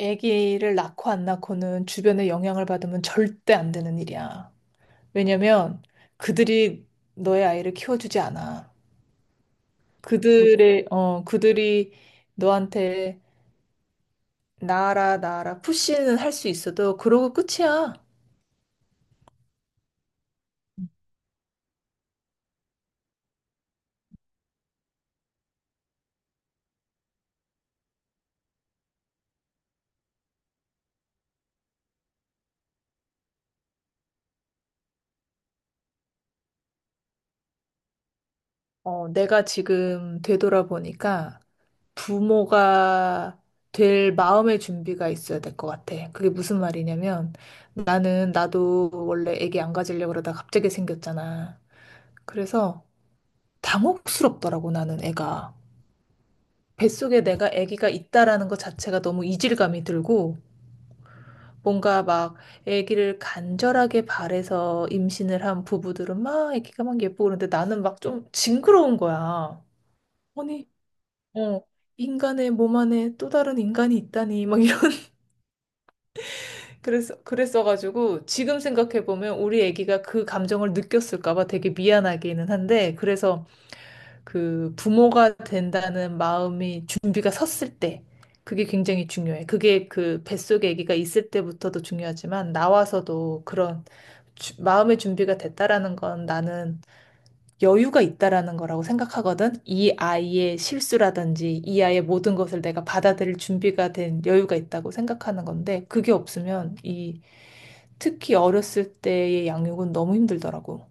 아기를 낳고 안 낳고는 주변의 영향을 받으면 절대 안 되는 일이야. 왜냐면 그들이 너의 아이를 키워주지 않아. 그들이 너한테 나아라, 나아라, 푸시는 할 수 있어도 그러고 끝이야. 내가 지금 되돌아보니까 부모가 될 마음의 준비가 있어야 될 것 같아. 그게 무슨 말이냐면 나는 나도 원래 아기 안 가지려고 그러다 갑자기 생겼잖아. 그래서 당혹스럽더라고, 나는 애가. 뱃속에 내가 애기가 있다라는 것 자체가 너무 이질감이 들고, 뭔가 막 애기를 간절하게 바래서 임신을 한 부부들은 막 애기가 막 예쁘고 그런데 나는 막 좀 징그러운 거야. 아니, 어, 인간의 몸 안에 또 다른 인간이 있다니, 막 이런. 그래서 그랬어가지고 지금 생각해 보면 우리 아기가 그 감정을 느꼈을까 봐 되게 미안하기는 한데 그래서 그 부모가 된다는 마음이 준비가 섰을 때 그게 굉장히 중요해. 그게 그 뱃속에 아기가 있을 때부터도 중요하지만 나와서도 그런 마음의 준비가 됐다라는 건 나는 여유가 있다라는 거라고 생각하거든. 이 아이의 실수라든지 이 아이의 모든 것을 내가 받아들일 준비가 된 여유가 있다고 생각하는 건데 그게 없으면 이 특히 어렸을 때의 양육은 너무 힘들더라고.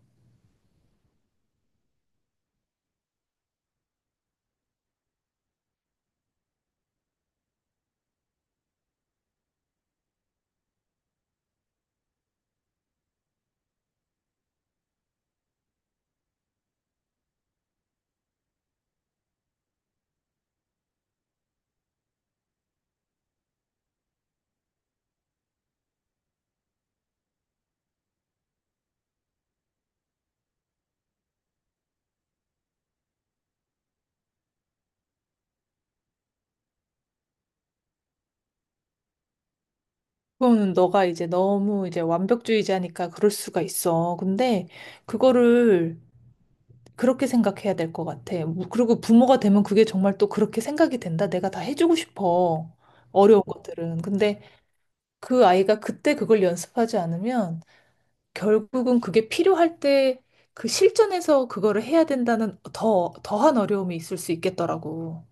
그거는 너가 이제 너무 이제 완벽주의자니까 그럴 수가 있어. 근데 그거를 그렇게 생각해야 될 것 같아. 뭐, 그리고 부모가 되면 그게 정말 또 그렇게 생각이 된다. 내가 다 해주고 싶어. 어려운 것들은. 근데 그 아이가 그때 그걸 연습하지 않으면 결국은 그게 필요할 때 그 실전에서 그거를 해야 된다는 더, 더한 어려움이 있을 수 있겠더라고.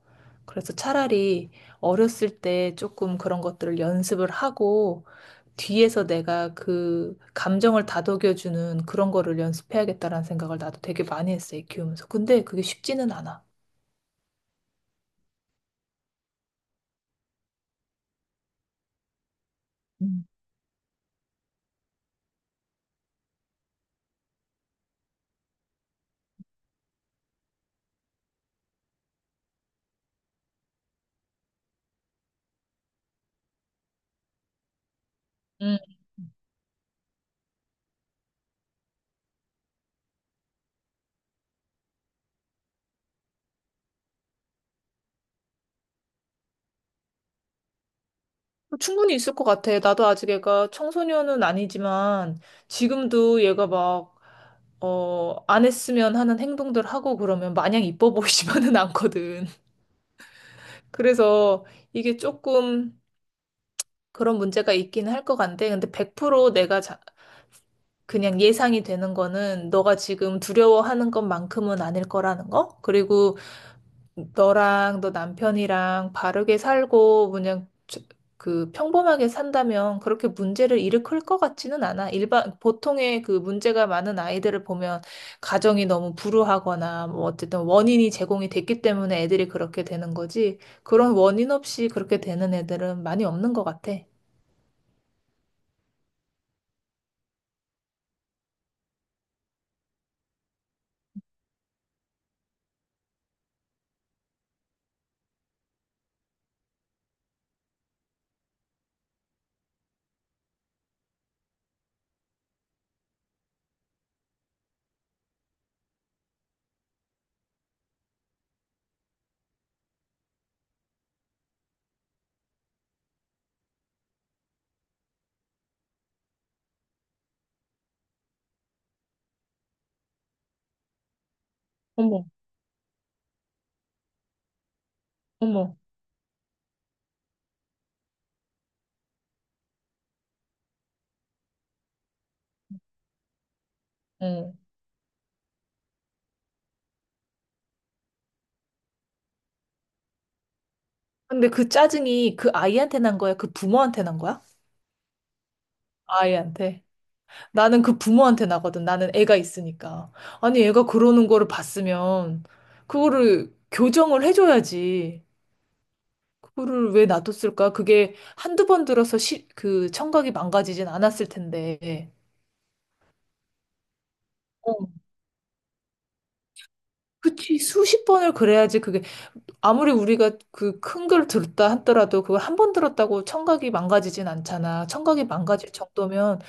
그래서 차라리 어렸을 때 조금 그런 것들을 연습을 하고 뒤에서 내가 그 감정을 다독여주는 그런 거를 연습해야겠다라는 생각을 나도 되게 많이 했어, 애 키우면서. 근데 그게 쉽지는 않아. 음. 음. 충분히 있을 것 같아. 나도 아직 애가 청소년은 아니지만 지금도 얘가 막 안 했으면 하는 행동들 하고 그러면 마냥 이뻐 보이지만은 않거든. 그래서 이게 조금 그런 문제가 있긴 할 것 같은데, 근데 100% 내가 그냥 예상이 되는 거는 너가 지금 두려워하는 것만큼은 아닐 거라는 거? 그리고 너랑 너 남편이랑 바르게 살고 그냥 그 평범하게 산다면 그렇게 문제를 일으킬 것 같지는 않아. 일반 보통의 그 문제가 많은 아이들을 보면 가정이 너무 불우하거나 뭐 어쨌든 원인이 제공이 됐기 때문에 애들이 그렇게 되는 거지. 그런 원인 없이 그렇게 되는 애들은 많이 없는 것 같아. 어머, 어머. 응. 근데 그 짜증이 그 아이한테 난 거야? 그 부모한테 난 거야? 아이한테. 나는 그 부모한테 나거든. 나는 애가 있으니까. 아니, 애가 그러는 거를 봤으면, 그거를 교정을 해줘야지. 그거를 왜 놔뒀을까? 그게 한두 번 들어서 그 청각이 망가지진 않았을 텐데. 어, 그치. 수십 번을 그래야지 아무리 우리가 그 큰 걸 들었다 하더라도 그걸 한 번 들었다고 청각이 망가지진 않잖아. 청각이 망가질 정도면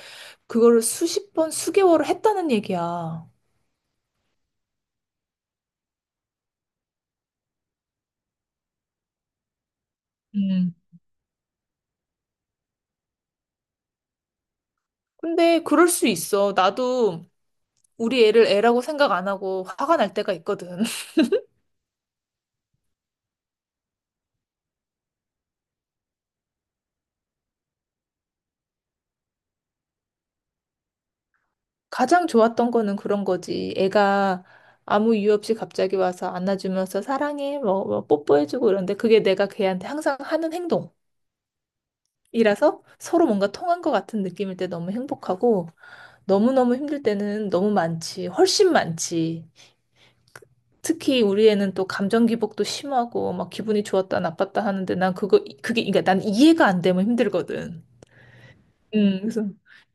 그거를 수십 번, 수개월을 했다는 얘기야. 음. 근데 그럴 수 있어. 나도 우리 애를 애라고 생각 안 하고 화가 날 때가 있거든. 가장 좋았던 거는 그런 거지. 애가 아무 이유 없이 갑자기 와서 안아주면서 사랑해, 뭐, 뽀뽀해주고 이런데 그게 내가 걔한테 항상 하는 행동이라서 서로 뭔가 통한 것 같은 느낌일 때 너무 행복하고 너무너무 힘들 때는 너무 많지. 훨씬 많지. 특히 우리 애는 또 감정 기복도 심하고 막 기분이 좋았다 나빴다 하는데 난 그거 그게 그러니까 난 이해가 안 되면 힘들거든. 그래서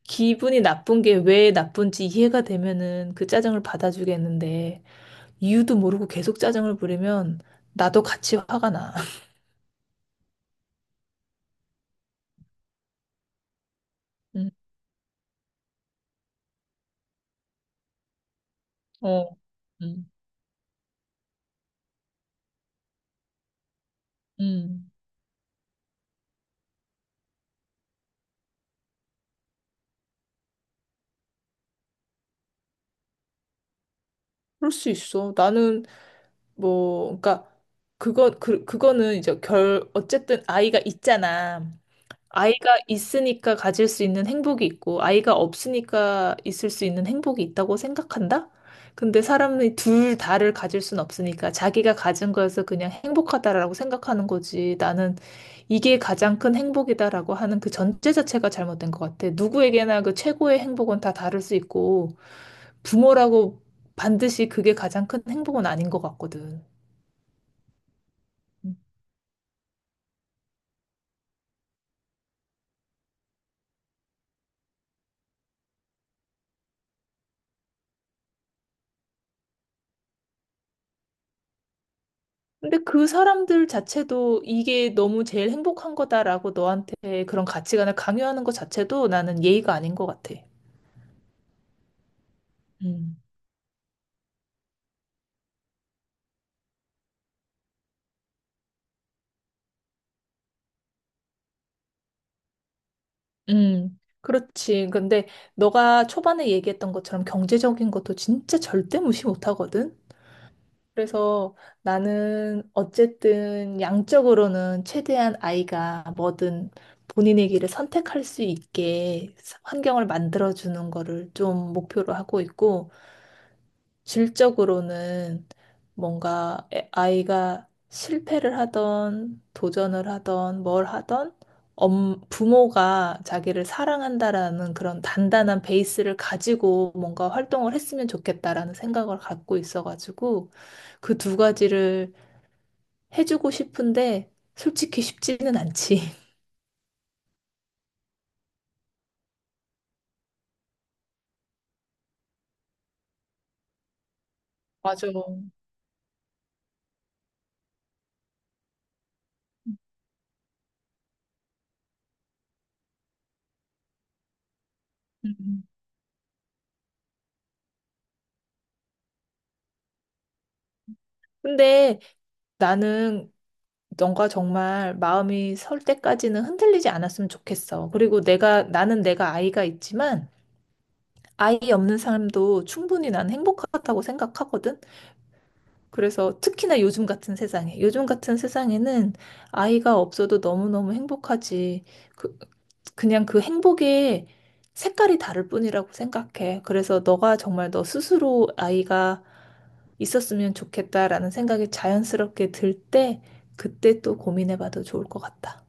기분이 나쁜 게 왜 나쁜지 이해가 되면은 그 짜증을 받아주겠는데 이유도 모르고 계속 짜증을 부리면 나도 같이 화가 나. 음, 어, 음, 음. 그럴 수 있어. 나는 뭐, 그러니까 그거는 이제 결 어쨌든 아이가 있잖아. 아이가 있으니까 가질 수 있는 행복이 있고, 아이가 없으니까 있을 수 있는 행복이 있다고 생각한다? 근데 사람이 둘 다를 가질 순 없으니까 자기가 가진 거에서 그냥 행복하다라고 생각하는 거지. 나는 이게 가장 큰 행복이다라고 하는 그 전제 자체가 잘못된 것 같아. 누구에게나 그 최고의 행복은 다 다를 수 있고, 부모라고 반드시 그게 가장 큰 행복은 아닌 것 같거든. 근데 그 사람들 자체도 이게 너무 제일 행복한 거다라고 너한테 그런 가치관을 강요하는 것 자체도 나는 예의가 아닌 것 같아. 음. 그렇지. 근데 너가 초반에 얘기했던 것처럼 경제적인 것도 진짜 절대 무시 못 하거든. 그래서 나는 어쨌든 양적으로는 최대한 아이가 뭐든 본인의 길을 선택할 수 있게 환경을 만들어주는 거를 좀 목표로 하고 있고, 질적으로는 뭔가 아이가 실패를 하던 도전을 하던 뭘 하던 부모가 자기를 사랑한다라는 그런 단단한 베이스를 가지고 뭔가 활동을 했으면 좋겠다라는 생각을 갖고 있어가지고 그 두 가지를 해주고 싶은데 솔직히 쉽지는 않지. 맞아. 음. 근데 나는 너가 정말 마음이 설 때까지는 흔들리지 않았으면 좋겠어. 그리고 나는 내가 아이가 있지만, 아이 없는 삶도 충분히 난 행복하다고 생각하거든. 그래서 특히나 요즘 같은 세상에, 요즘 같은 세상에는 아이가 없어도 너무너무 행복하지. 그, 그냥 그 행복의 색깔이 다를 뿐이라고 생각해. 그래서 너가 정말 너 스스로 아이가 있었으면 좋겠다라는 생각이 자연스럽게 들 때, 그때 또 고민해봐도 좋을 것 같다.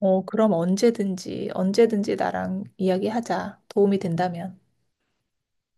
그럼 언제든지, 언제든지 나랑 이야기하자. 도움이 된다면.